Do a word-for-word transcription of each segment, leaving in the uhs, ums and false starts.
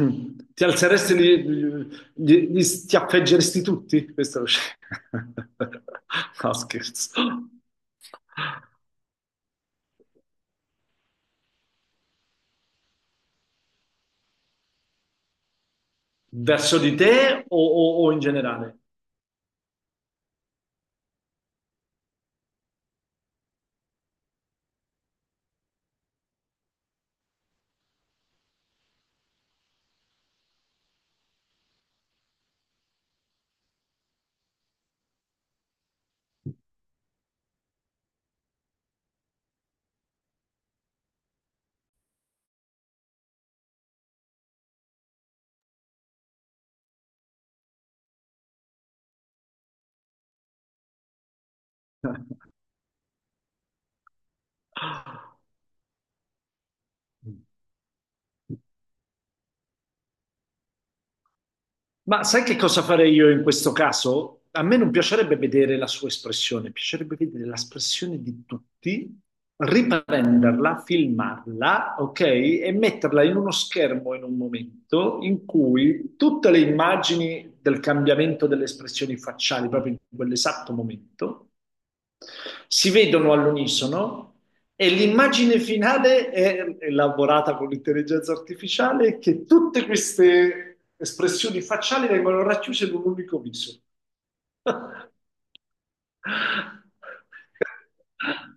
Mm. Ti alzeresti, li, li- li schiaffeggeresti tutti? Questo è lo sc- No, scherzo. Verso di te o, o- o in generale? Ma sai che cosa farei io in questo caso? A me non piacerebbe vedere la sua espressione, piacerebbe vedere l'espressione di tutti, riprenderla, filmarla, ok? E metterla in uno schermo in un momento in cui tutte le immagini del cambiamento delle espressioni facciali, proprio in quell'esatto momento, si vedono all'unisono e l'immagine finale è elaborata con l'intelligenza artificiale che tutte queste espressioni facciali vengono racchiuse in un unico viso.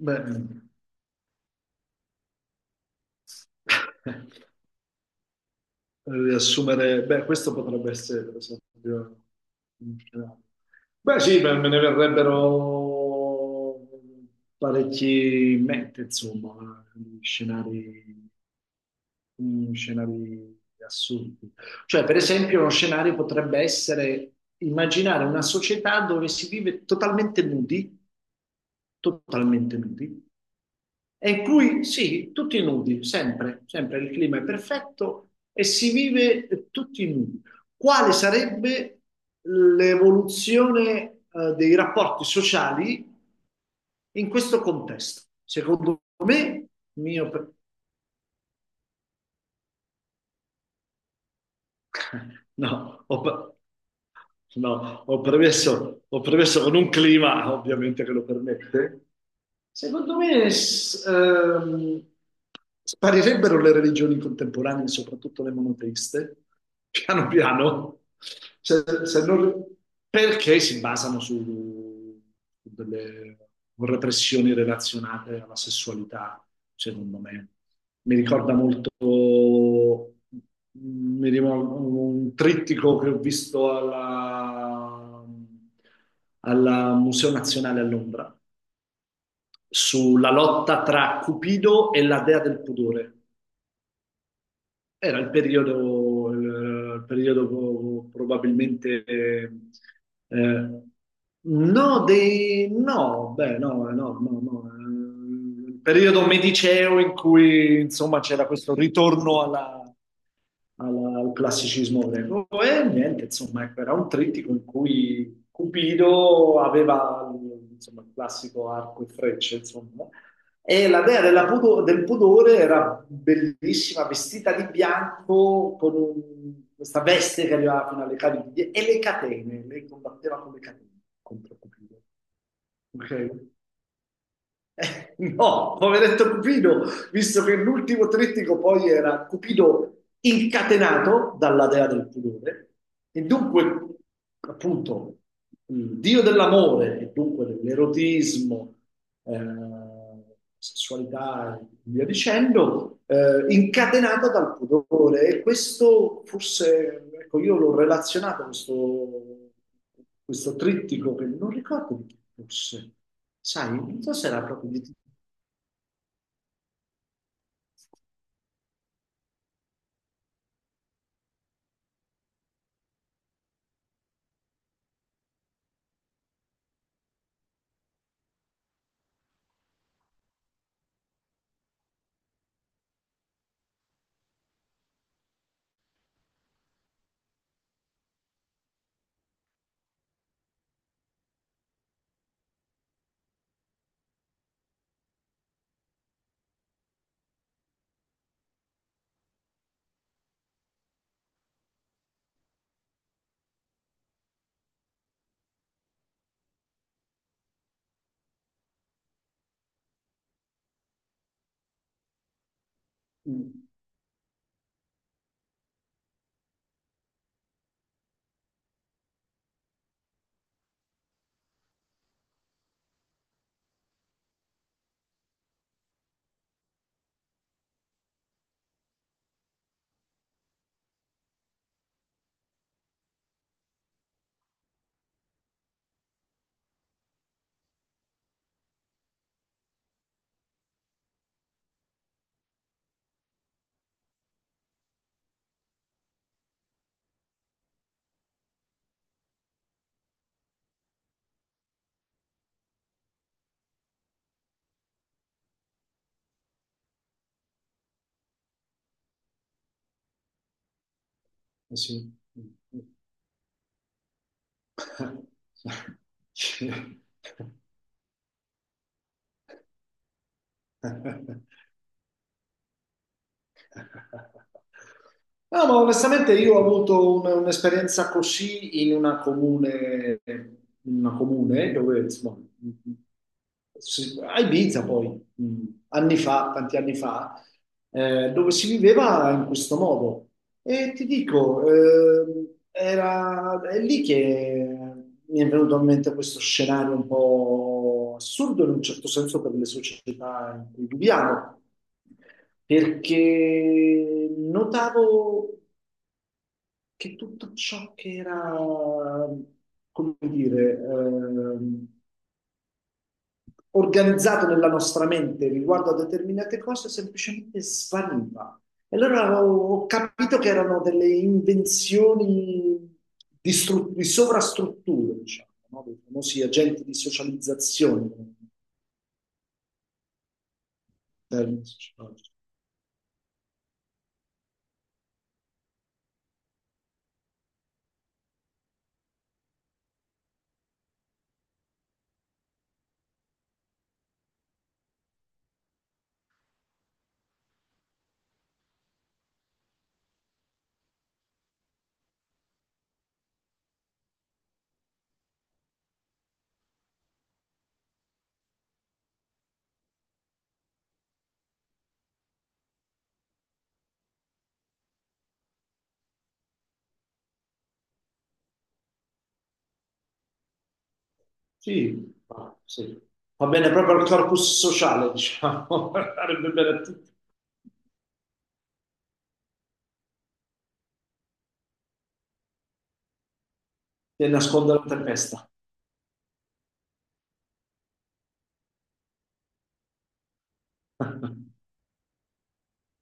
Bene. Riassumere, beh, questo potrebbe essere per esempio un scenario. Beh, sì, beh, me ne verrebbero parecchi in mente, insomma, eh, scenari, mm, scenari assurdi. Cioè, per esempio, uno scenario potrebbe essere immaginare una società dove si vive totalmente nudi, totalmente nudi, e qui sì, tutti nudi, sempre, sempre il clima è perfetto e si vive eh, tutti nudi. Quale sarebbe l'evoluzione, eh, dei rapporti sociali in questo contesto? Secondo me, mio. No, ho, pre- no, ho premesso, ho premesso con un clima ovviamente che lo permette. Secondo me s- ehm, sparirebbero le religioni contemporanee, soprattutto le monoteiste, piano piano, se- se non- perché si basano su delle repressioni relazionate alla sessualità, secondo me. Mi ricorda molto, mi ricordo un trittico che ho visto alla, alla Museo Nazionale a Londra sulla lotta tra Cupido e la dea del pudore. Era il periodo, il periodo probabilmente, eh, no, dei, no, beh, no, eh, no, no, no, eh, il periodo mediceo in cui, insomma, c'era questo ritorno alla, al, al classicismo greco e niente, insomma, ecco, era un trittico in cui Cupido aveva, insomma, il classico arco e frecce, insomma, e la dea della pudo- del pudore era bellissima, vestita di bianco, con un- questa veste che arrivava fino alle caviglie e le catene, lei combatteva con le catene contro Cupido. Ok? Eh, no, poveretto Cupido, visto che l'ultimo trittico poi era Cupido incatenato dalla dea del pudore, e dunque, appunto, il dio dell'amore, e dunque dell'erotismo, eh, sessualità e via dicendo, eh, incatenata dal pudore. E questo forse, ecco, io l'ho relazionato a questo, questo trittico che non ricordo di chi fosse. Sai, non so se era proprio di... Mm, sì. No, ma onestamente io ho avuto un- un'esperienza così in una comune, in una comune dove, insomma, si- a Ibiza poi, mh, anni fa, tanti anni fa, eh, dove si viveva in questo modo. E ti dico, ehm, era, è lì che mi è venuto in mente questo scenario un po' assurdo in un certo senso per le società in cui viviamo, perché notavo che tutto ciò che era, come dire, ehm, organizzato nella nostra mente riguardo a determinate cose semplicemente spariva. E allora ho capito che erano delle invenzioni di, stru- di sovrastrutture, diciamo, no? Dei famosi agenti di socializzazione. Termine sociologico. Sì, va, sì. Va bene proprio al corpus sociale, diciamo, farebbe bene a tutti e nasconde la tempesta.